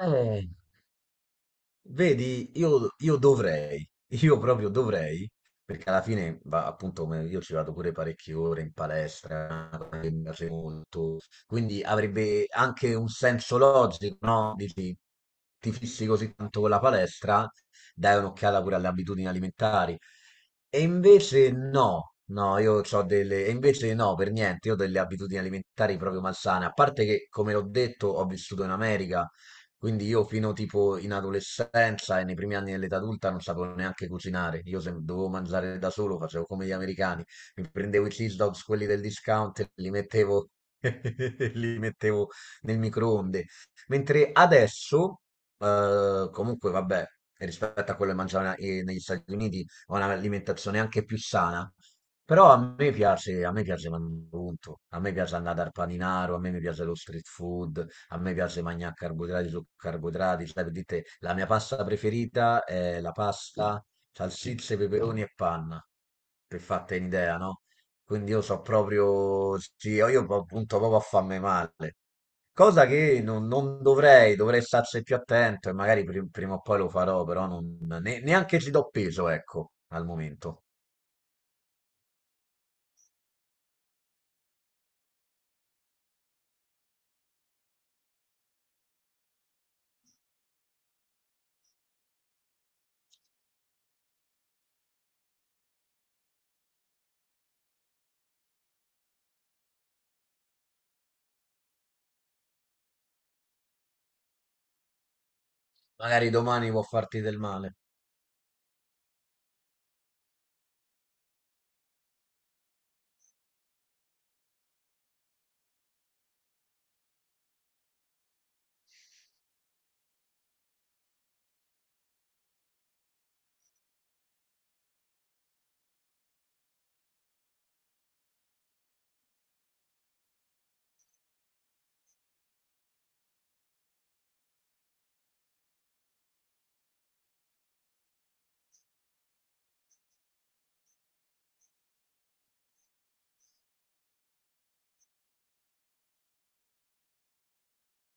Eh, vedi, io dovrei, io proprio dovrei, perché alla fine, va, appunto, come io ci vado pure parecchie ore in palestra, una cosa che mi piace molto, quindi avrebbe anche un senso logico, no? Dici, ti fissi così tanto con la palestra, dai un'occhiata pure alle abitudini alimentari. E invece no, no, e invece no, per niente, io ho delle abitudini alimentari proprio malsane, a parte che, come l'ho detto, ho vissuto in America, quindi io fino tipo in adolescenza e nei primi anni dell'età adulta non sapevo neanche cucinare. Io se dovevo mangiare da solo, facevo come gli americani. Mi prendevo i cheese dogs, quelli del discount, e li mettevo, li mettevo nel microonde. Mentre adesso, comunque vabbè, rispetto a quello che mangiavo negli Stati Uniti, ho un'alimentazione anche più sana. Però a me piace mangiare, punto. A me piace andare al paninaro, a me mi piace lo street food, a me piace mangiare carboidrati su carboidrati, sai, per dite, la mia pasta preferita è la pasta, salsicce, peperoni e panna, per fatta un'idea, no? Quindi io so proprio, sì, io appunto proprio a farmi male, cosa che non, dovrei, dovrei starci più attento e magari prima o poi lo farò, però neanche ci do peso, ecco, al momento. Magari domani può farti del male,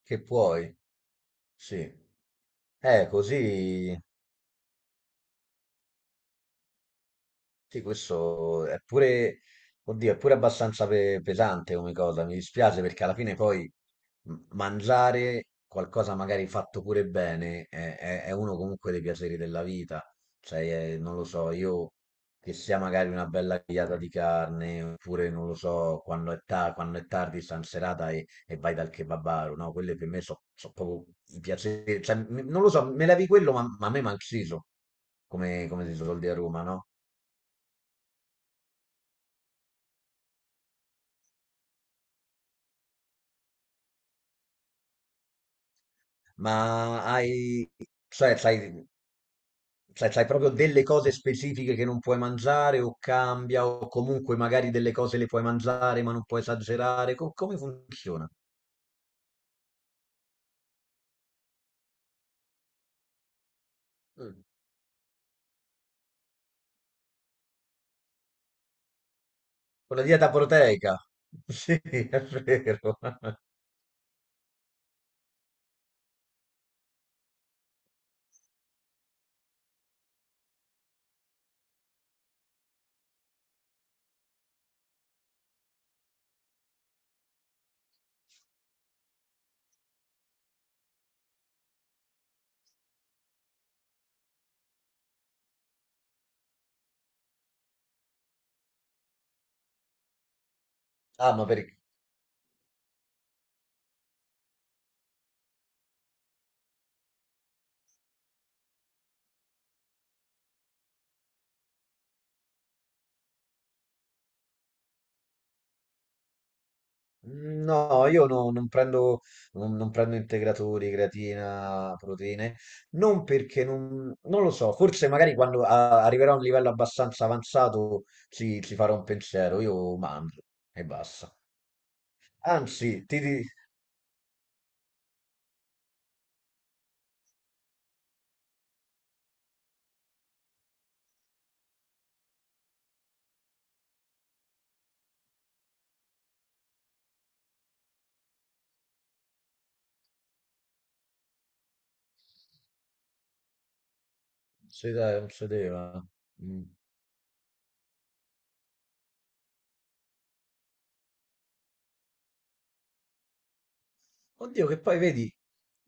che puoi, sì. Così. Sì, questo è pure, oddio, è pure abbastanza pesante come cosa. Mi dispiace perché alla fine poi mangiare qualcosa magari fatto pure bene è uno comunque dei piaceri della vita. Cioè, non lo so, io che sia magari una bella grigliata di carne, oppure non lo so, quando è tardi, stan serata e vai dal kebabaro, no? Quelle per me sono proprio i piaceri. Cioè, non lo so, me levi quello, ma a me manciso, come, come si suol dire a Roma, no? Ma hai, cioè, sai, cioè, c'hai proprio delle cose specifiche che non puoi mangiare o cambia o comunque magari delle cose le puoi mangiare ma non puoi esagerare? Come funziona? Mm. Con la dieta proteica? Sì, è vero. Ah, ma perché? No, io non prendo, non prendo integratori, creatina, proteine, non perché non lo so, forse magari quando arriverò a un livello abbastanza avanzato ci farò un pensiero, io mangio e basta. Anzi, ti dico, si dai, non si deve. Mm. Oddio, che poi vedi,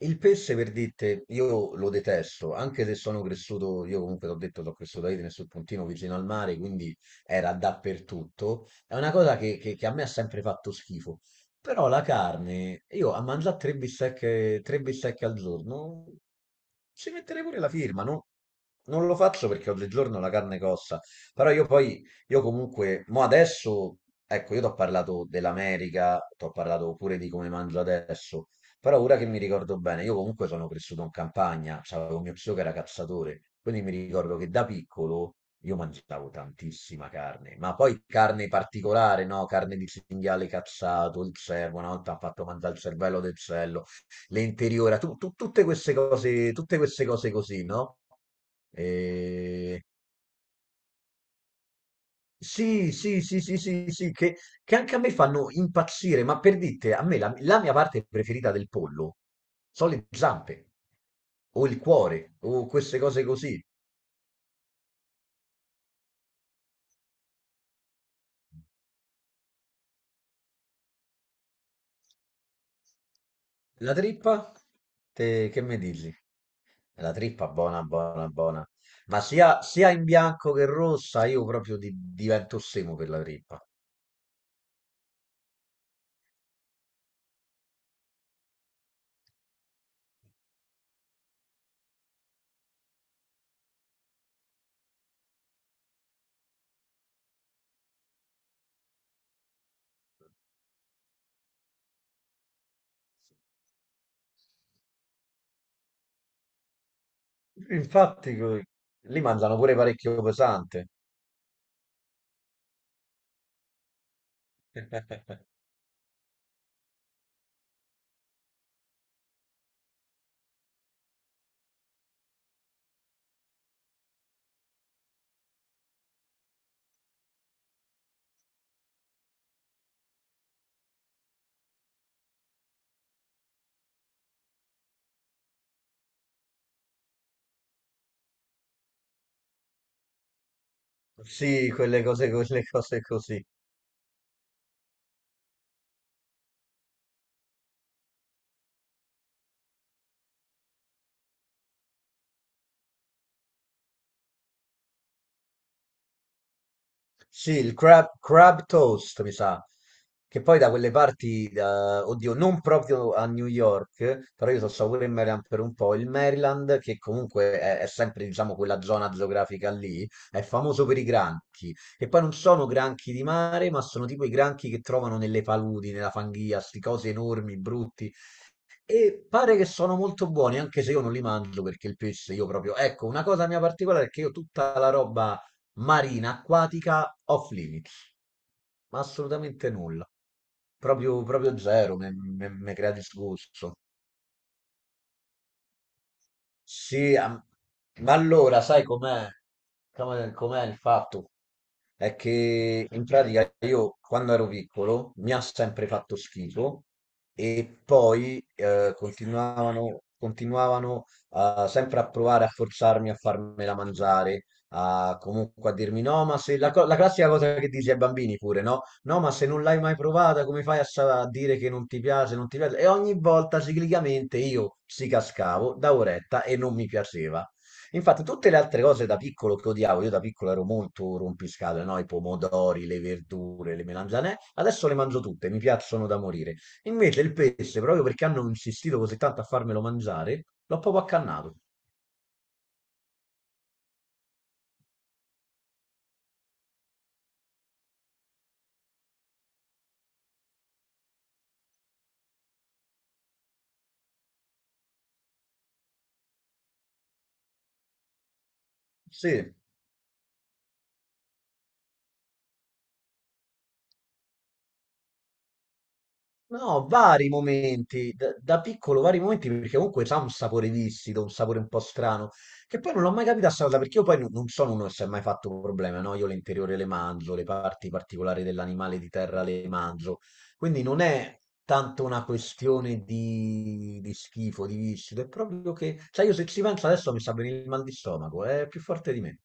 il pesce per dirte, io lo detesto, anche se sono cresciuto, io comunque l'ho detto, sono cresciuto a Idem sul puntino vicino al mare, quindi era dappertutto. È una cosa che a me ha sempre fatto schifo. Però la carne, io a mangiare tre bistecche al giorno, ci metterei pure la firma, no? Non lo faccio perché oggigiorno la carne costa, però io poi io comunque, mo adesso, ecco, io ti ho parlato dell'America, ti ho parlato pure di come mangio adesso, però ora che mi ricordo bene, io comunque sono cresciuto in campagna, c'avevo mio zio che era cazzatore, quindi mi ricordo che da piccolo io mangiavo tantissima carne, ma poi carne particolare, no? Carne di cinghiale cazzato, il cervo, una volta ha fatto mangiare il cervello del cello, le interiora, tutte queste cose così, no? E sì, sì, sì, sì, sì, sì, che anche a me fanno impazzire, ma per dite, a me la, la mia parte preferita del pollo sono le zampe, o il cuore, o queste cose così. La trippa, te, che mi dici? La trippa buona, buona, buona. Ma sia, sia in bianco che rossa, io proprio divento semo per la trippa. Infatti, lì mangiano pure parecchio pesante. Sì, quelle cose così. Sì, il crab, crab toast, mi sa, che poi da quelle parti, oddio, non proprio a New York, però io sono stato pure in Maryland per un po', il Maryland, che comunque è sempre, diciamo, quella zona geografica lì, è famoso per i granchi, che poi non sono granchi di mare, ma sono tipo i granchi che trovano nelle paludi, nella fanghia, sti cose enormi, brutti, e pare che sono molto buoni, anche se io non li mangio perché il pesce io proprio. Ecco, una cosa mia particolare è che io tutta la roba marina, acquatica, off limits, ma assolutamente nulla. Proprio, proprio zero, mi crea disgusto. Sì, ma allora sai com'è? Com'è il fatto? È che in pratica io quando ero piccolo mi ha sempre fatto schifo e poi continuavano sempre a provare a forzarmi a farmela mangiare, comunque a dirmi no, ma se la, co- la classica cosa che dici ai bambini pure, no? No, ma se non l'hai mai provata, come fai a dire che non ti piace, non ti piace? E ogni volta ciclicamente io ci cascavo da oretta e non mi piaceva. Infatti, tutte le altre cose da piccolo che odiavo, io da piccolo ero molto rompiscatole, no? I pomodori, le verdure, le melanzane, adesso le mangio tutte, mi piacciono da morire. Invece il pesce, proprio perché hanno insistito così tanto a farmelo mangiare, l'ho proprio accannato. Sì. No, vari momenti, da piccolo vari momenti, perché comunque ha un sapore viscido, un sapore un po' strano, che poi non l'ho mai capita sta cosa, perché io poi non sono uno che si è mai fatto problema, no? Io l'interiore le mangio, le parti particolari dell'animale di terra le mangio, quindi non è tanto una questione di, schifo, di viscido, è proprio che, cioè io se ci penso adesso mi sta venendo il mal di stomaco, è più forte di me.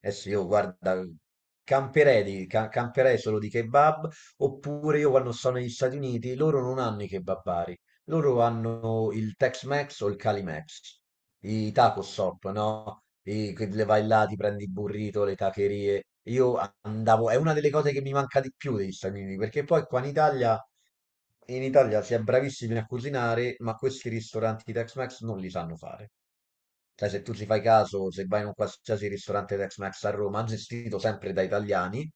Adesso io guarda, camperei, camperei solo di kebab, oppure io quando sono negli Stati Uniti, loro non hanno i kebabari, loro hanno il Tex-Mex o il Cali-Mex, i taco shop, no? I, che le vai là, ti prendi il burrito, le tacherie. Io andavo, è una delle cose che mi manca di più degli Stati Uniti, perché poi qua in Italia si è bravissimi a cucinare, ma questi ristoranti Tex-Mex non li sanno fare. Cioè, se tu ci fai caso, se vai in un qualsiasi ristorante Tex-Mex a Roma, gestito sempre da italiani,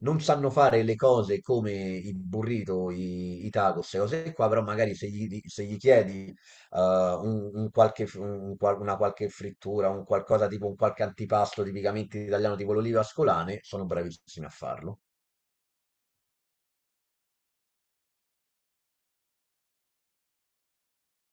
non sanno fare le cose come i burrito, i tacos, e cose qua, però magari se gli, se gli chiedi un qualche una qualche frittura, un qualcosa tipo un qualche antipasto tipicamente italiano, tipo l'oliva ascolane, sono bravissimi a farlo.